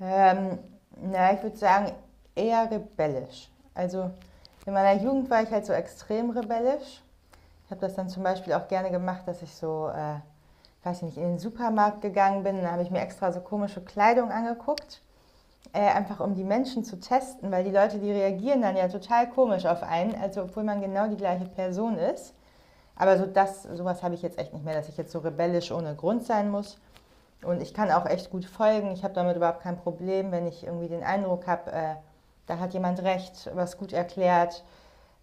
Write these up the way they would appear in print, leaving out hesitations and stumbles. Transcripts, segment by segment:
Ähm, Ich würde sagen, eher rebellisch. Also in meiner Jugend war ich halt so extrem rebellisch. Ich habe das dann zum Beispiel auch gerne gemacht, dass ich so, weiß ich nicht, in den Supermarkt gegangen bin. Da habe ich mir extra so komische Kleidung angeguckt, einfach um die Menschen zu testen, weil die Leute, die reagieren dann ja total komisch auf einen, also obwohl man genau die gleiche Person ist. Aber so das, sowas habe ich jetzt echt nicht mehr, dass ich jetzt so rebellisch ohne Grund sein muss. Und ich kann auch echt gut folgen. Ich habe damit überhaupt kein Problem, wenn ich irgendwie den Eindruck habe, da hat jemand recht, was gut erklärt.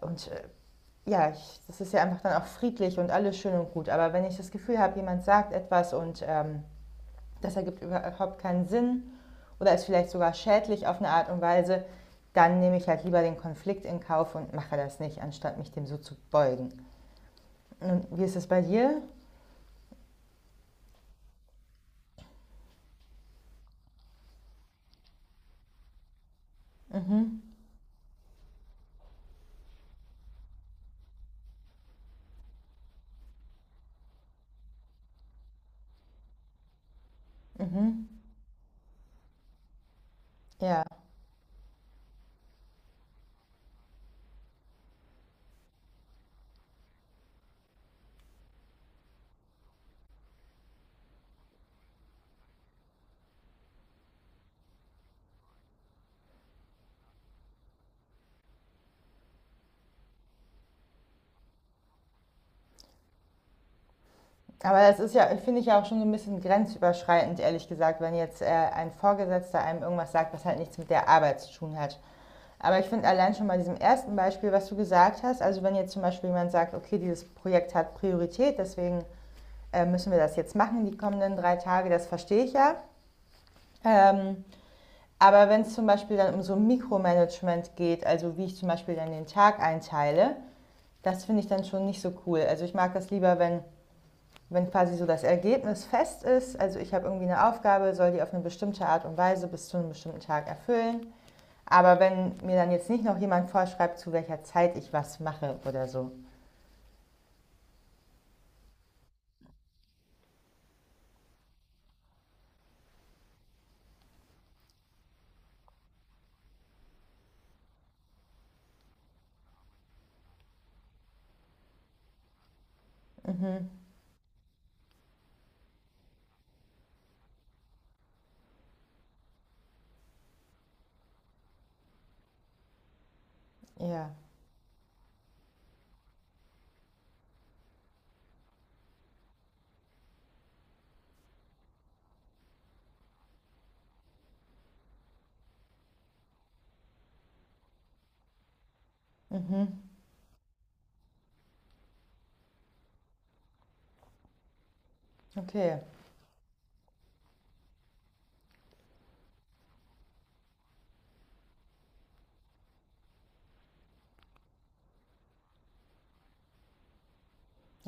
Und äh, ja, ich, das ist ja einfach dann auch friedlich und alles schön und gut. Aber wenn ich das Gefühl habe, jemand sagt etwas und das ergibt überhaupt keinen Sinn oder ist vielleicht sogar schädlich auf eine Art und Weise, dann nehme ich halt lieber den Konflikt in Kauf und mache das nicht, anstatt mich dem so zu beugen. Und wie ist es bei dir? Mhm. Ja. Aber das ist ja, finde ich ja auch schon so ein bisschen grenzüberschreitend, ehrlich gesagt, wenn jetzt ein Vorgesetzter einem irgendwas sagt, was halt nichts mit der Arbeit zu tun hat. Aber ich finde allein schon bei diesem ersten Beispiel, was du gesagt hast, also wenn jetzt zum Beispiel jemand sagt, okay, dieses Projekt hat Priorität, deswegen müssen wir das jetzt machen, die kommenden 3 Tage, das verstehe ich ja. Ähm, aber wenn es zum Beispiel dann um so Mikromanagement geht, also wie ich zum Beispiel dann den Tag einteile, das finde ich dann schon nicht so cool. Also ich mag das lieber, wenn quasi so das Ergebnis fest ist, also ich habe irgendwie eine Aufgabe, soll die auf eine bestimmte Art und Weise bis zu einem bestimmten Tag erfüllen. Aber wenn mir dann jetzt nicht noch jemand vorschreibt, zu welcher Zeit ich was mache oder so. Mhm, ja. Mhm, okay.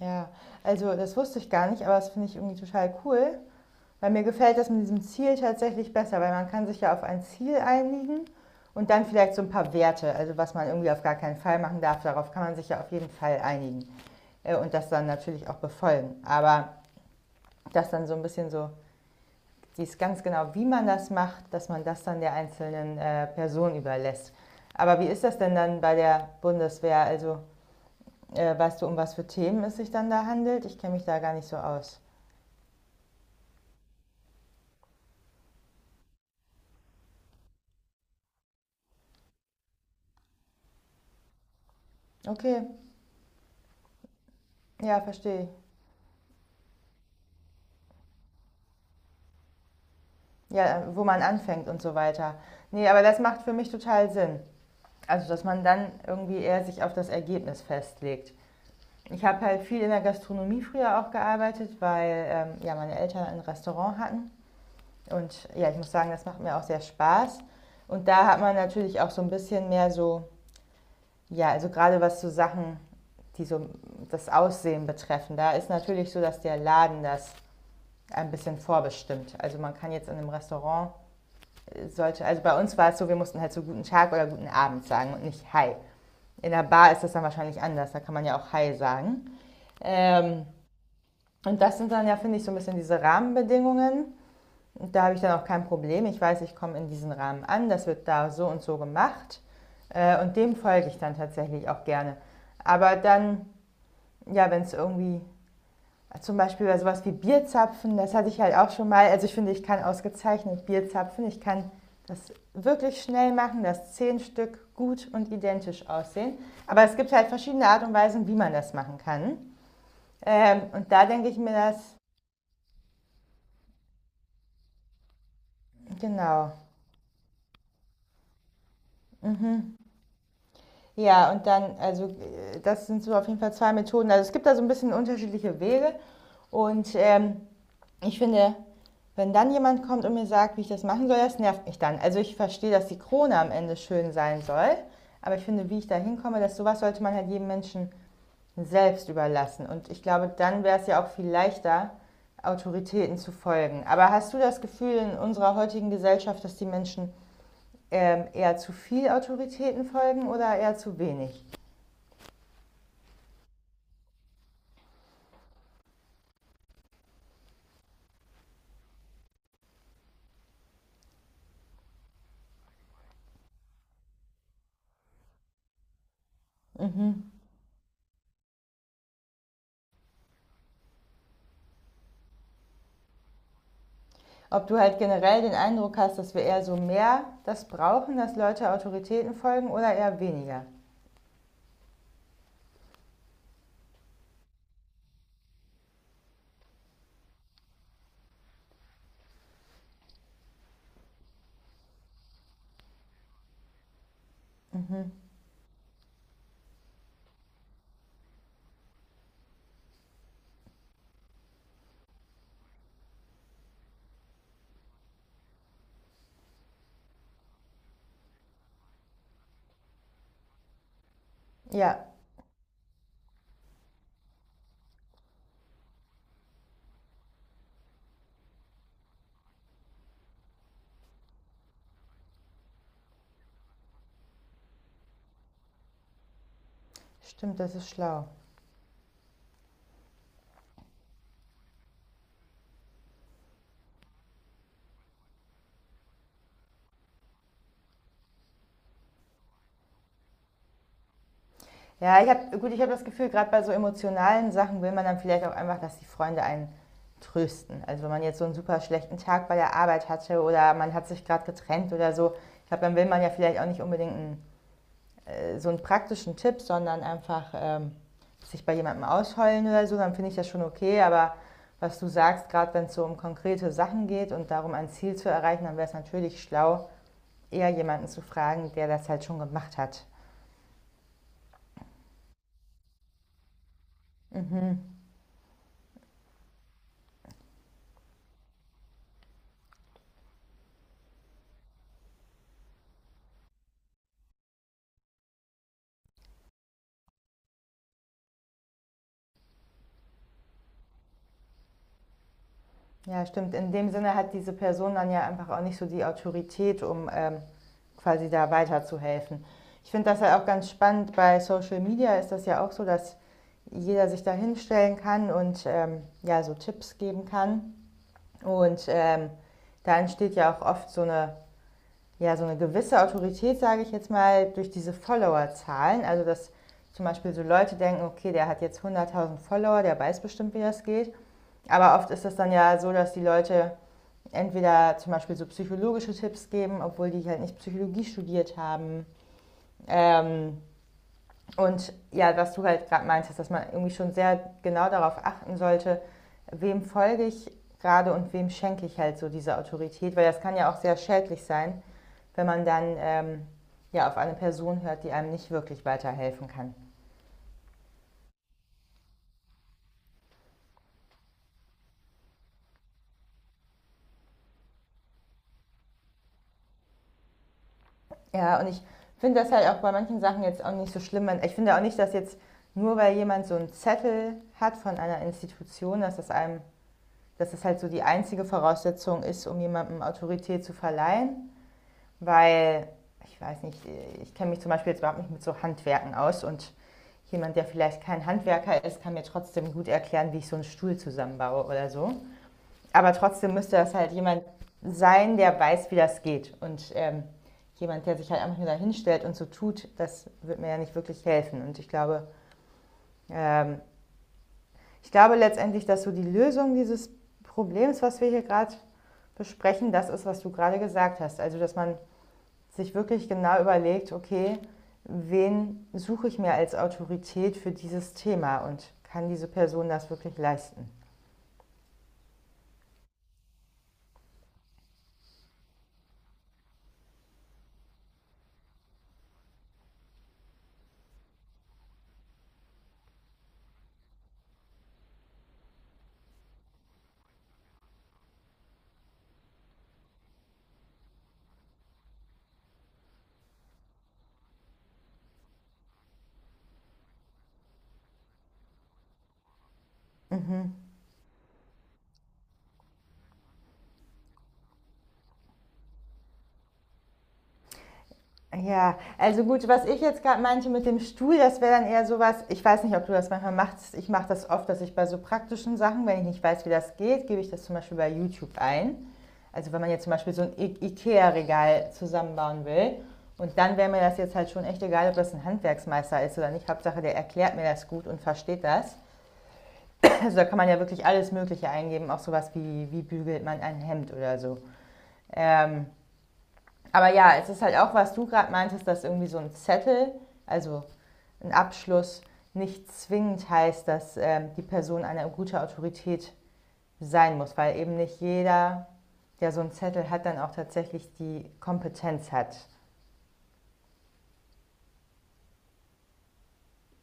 Ja. Also das wusste ich gar nicht, aber das finde ich irgendwie total cool. Weil mir gefällt das mit diesem Ziel tatsächlich besser, weil man kann sich ja auf ein Ziel einigen und dann vielleicht so ein paar Werte, also was man irgendwie auf gar keinen Fall machen darf, darauf kann man sich ja auf jeden Fall einigen und das dann natürlich auch befolgen. Aber das dann so ein bisschen so, dies ganz genau, wie man das macht, dass man das dann der einzelnen Person überlässt. Aber wie ist das denn dann bei der Bundeswehr? Also weißt du, um was für Themen es sich dann da handelt? Ich kenne mich da gar nicht so aus. Okay, ja, verstehe ich. Ja, wo man anfängt und so weiter. Nee, aber das macht für mich total Sinn. Also, dass man dann irgendwie eher sich auf das Ergebnis festlegt. Ich habe halt viel in der Gastronomie früher auch gearbeitet, weil ja, meine Eltern ein Restaurant hatten. Und ja, ich muss sagen, das macht mir auch sehr Spaß. Und da hat man natürlich auch so ein bisschen mehr so, ja, also gerade was so Sachen, die so das Aussehen betreffen, da ist natürlich so, dass der Laden das ein bisschen vorbestimmt. Also man kann jetzt in einem Restaurant sollte, also bei uns war es so, wir mussten halt so guten Tag oder guten Abend sagen und nicht Hi. In der Bar ist das dann wahrscheinlich anders, da kann man ja auch Hi sagen. Ähm, und das sind dann ja, finde ich, so ein bisschen diese Rahmenbedingungen. Und da habe ich dann auch kein Problem. Ich weiß, ich komme in diesen Rahmen an, das wird da so und so gemacht. Und dem folge ich dann tatsächlich auch gerne. Aber dann, ja, wenn es irgendwie zum Beispiel bei sowas wie Bierzapfen, das hatte ich halt auch schon mal. Also ich finde, ich kann ausgezeichnet Bierzapfen. Ich kann das wirklich schnell machen, dass 10 Stück gut und identisch aussehen. Aber es gibt halt verschiedene Art und Weisen, wie man das machen kann. Und da denke ich mir das, genau. Ja, und dann, also das sind so auf jeden Fall zwei Methoden. Also es gibt da so ein bisschen unterschiedliche Wege. Und ähm, Ich finde, wenn dann jemand kommt und mir sagt, wie ich das machen soll, das nervt mich dann. Also ich verstehe, dass die Krone am Ende schön sein soll, aber ich finde, wie ich da hinkomme, dass sowas sollte man halt jedem Menschen selbst überlassen. Und ich glaube, dann wäre es ja auch viel leichter, Autoritäten zu folgen. Aber hast du das Gefühl in unserer heutigen Gesellschaft, dass die Menschen eher zu viel Autoritäten folgen oder eher zu wenig? Ob du halt generell den Eindruck hast, dass wir eher so mehr das brauchen, dass Leute Autoritäten folgen oder eher weniger? Ja, stimmt, das ist schlau. Ja, ich habe, gut, ich habe das Gefühl, gerade bei so emotionalen Sachen will man dann vielleicht auch einfach, dass die Freunde einen trösten. Also wenn man jetzt so einen super schlechten Tag bei der Arbeit hatte oder man hat sich gerade getrennt oder so, ich glaube, dann will man ja vielleicht auch nicht unbedingt einen, so einen praktischen Tipp, sondern einfach sich bei jemandem ausheulen oder so, dann finde ich das schon okay. Aber was du sagst, gerade wenn es so um konkrete Sachen geht und darum, ein Ziel zu erreichen, dann wäre es natürlich schlau, eher jemanden zu fragen, der das halt schon gemacht hat. Mhm. Ja, stimmt. In dem Sinne hat diese Person dann ja einfach auch nicht so die Autorität, um quasi da weiterzuhelfen. Ich finde das ja auch ganz spannend. Bei Social Media ist das ja auch so, dass jeder sich da hinstellen kann und ja, so Tipps geben kann. Und ähm, Da entsteht ja auch oft so eine, ja, so eine gewisse Autorität, sage ich jetzt mal, durch diese Followerzahlen. Also, dass zum Beispiel so Leute denken, okay, der hat jetzt 100.000 Follower, der weiß bestimmt, wie das geht. Aber oft ist das dann ja so, dass die Leute entweder zum Beispiel so psychologische Tipps geben, obwohl die halt nicht Psychologie studiert haben. Ähm, und ja, was du halt gerade meinst, dass man irgendwie schon sehr genau darauf achten sollte, wem folge ich gerade und wem schenke ich halt so diese Autorität, weil das kann ja auch sehr schädlich sein, wenn man dann ja auf eine Person hört, die einem nicht wirklich weiterhelfen kann. Ja, und ich finde das halt auch bei manchen Sachen jetzt auch nicht so schlimm. Ich finde auch nicht, dass jetzt nur weil jemand so einen Zettel hat von einer Institution, dass das halt so die einzige Voraussetzung ist, um jemandem Autorität zu verleihen, weil ich weiß nicht, ich kenne mich zum Beispiel jetzt überhaupt nicht mit so Handwerken aus und jemand, der vielleicht kein Handwerker ist, kann mir trotzdem gut erklären, wie ich so einen Stuhl zusammenbaue oder so. Aber trotzdem müsste das halt jemand sein, der weiß, wie das geht. Jemand, der sich halt einfach nur da hinstellt und so tut, das wird mir ja nicht wirklich helfen. Und ähm, ich glaube letztendlich, dass so die Lösung dieses Problems, was wir hier gerade besprechen, das ist, was du gerade gesagt hast. Also, dass man sich wirklich genau überlegt, okay, wen suche ich mir als Autorität für dieses Thema und kann diese Person das wirklich leisten? Ja, also gut, was ich jetzt gerade meinte mit dem Stuhl, das wäre dann eher sowas, ich weiß nicht, ob du das manchmal machst, ich mache das oft, dass ich bei so praktischen Sachen, wenn ich nicht weiß, wie das geht, gebe ich das zum Beispiel bei YouTube ein. Also wenn man jetzt zum Beispiel so ein Ikea-Regal zusammenbauen will und dann wäre mir das jetzt halt schon echt egal, ob das ein Handwerksmeister ist oder nicht. Hauptsache, der erklärt mir das gut und versteht das. Also da kann man ja wirklich alles Mögliche eingeben, auch sowas wie, wie bügelt man ein Hemd oder so. Ähm, aber ja, es ist halt auch, was du gerade meintest, dass irgendwie so ein Zettel, also ein Abschluss, nicht zwingend heißt, dass die Person eine gute Autorität sein muss, weil eben nicht jeder, der so einen Zettel hat, dann auch tatsächlich die Kompetenz hat,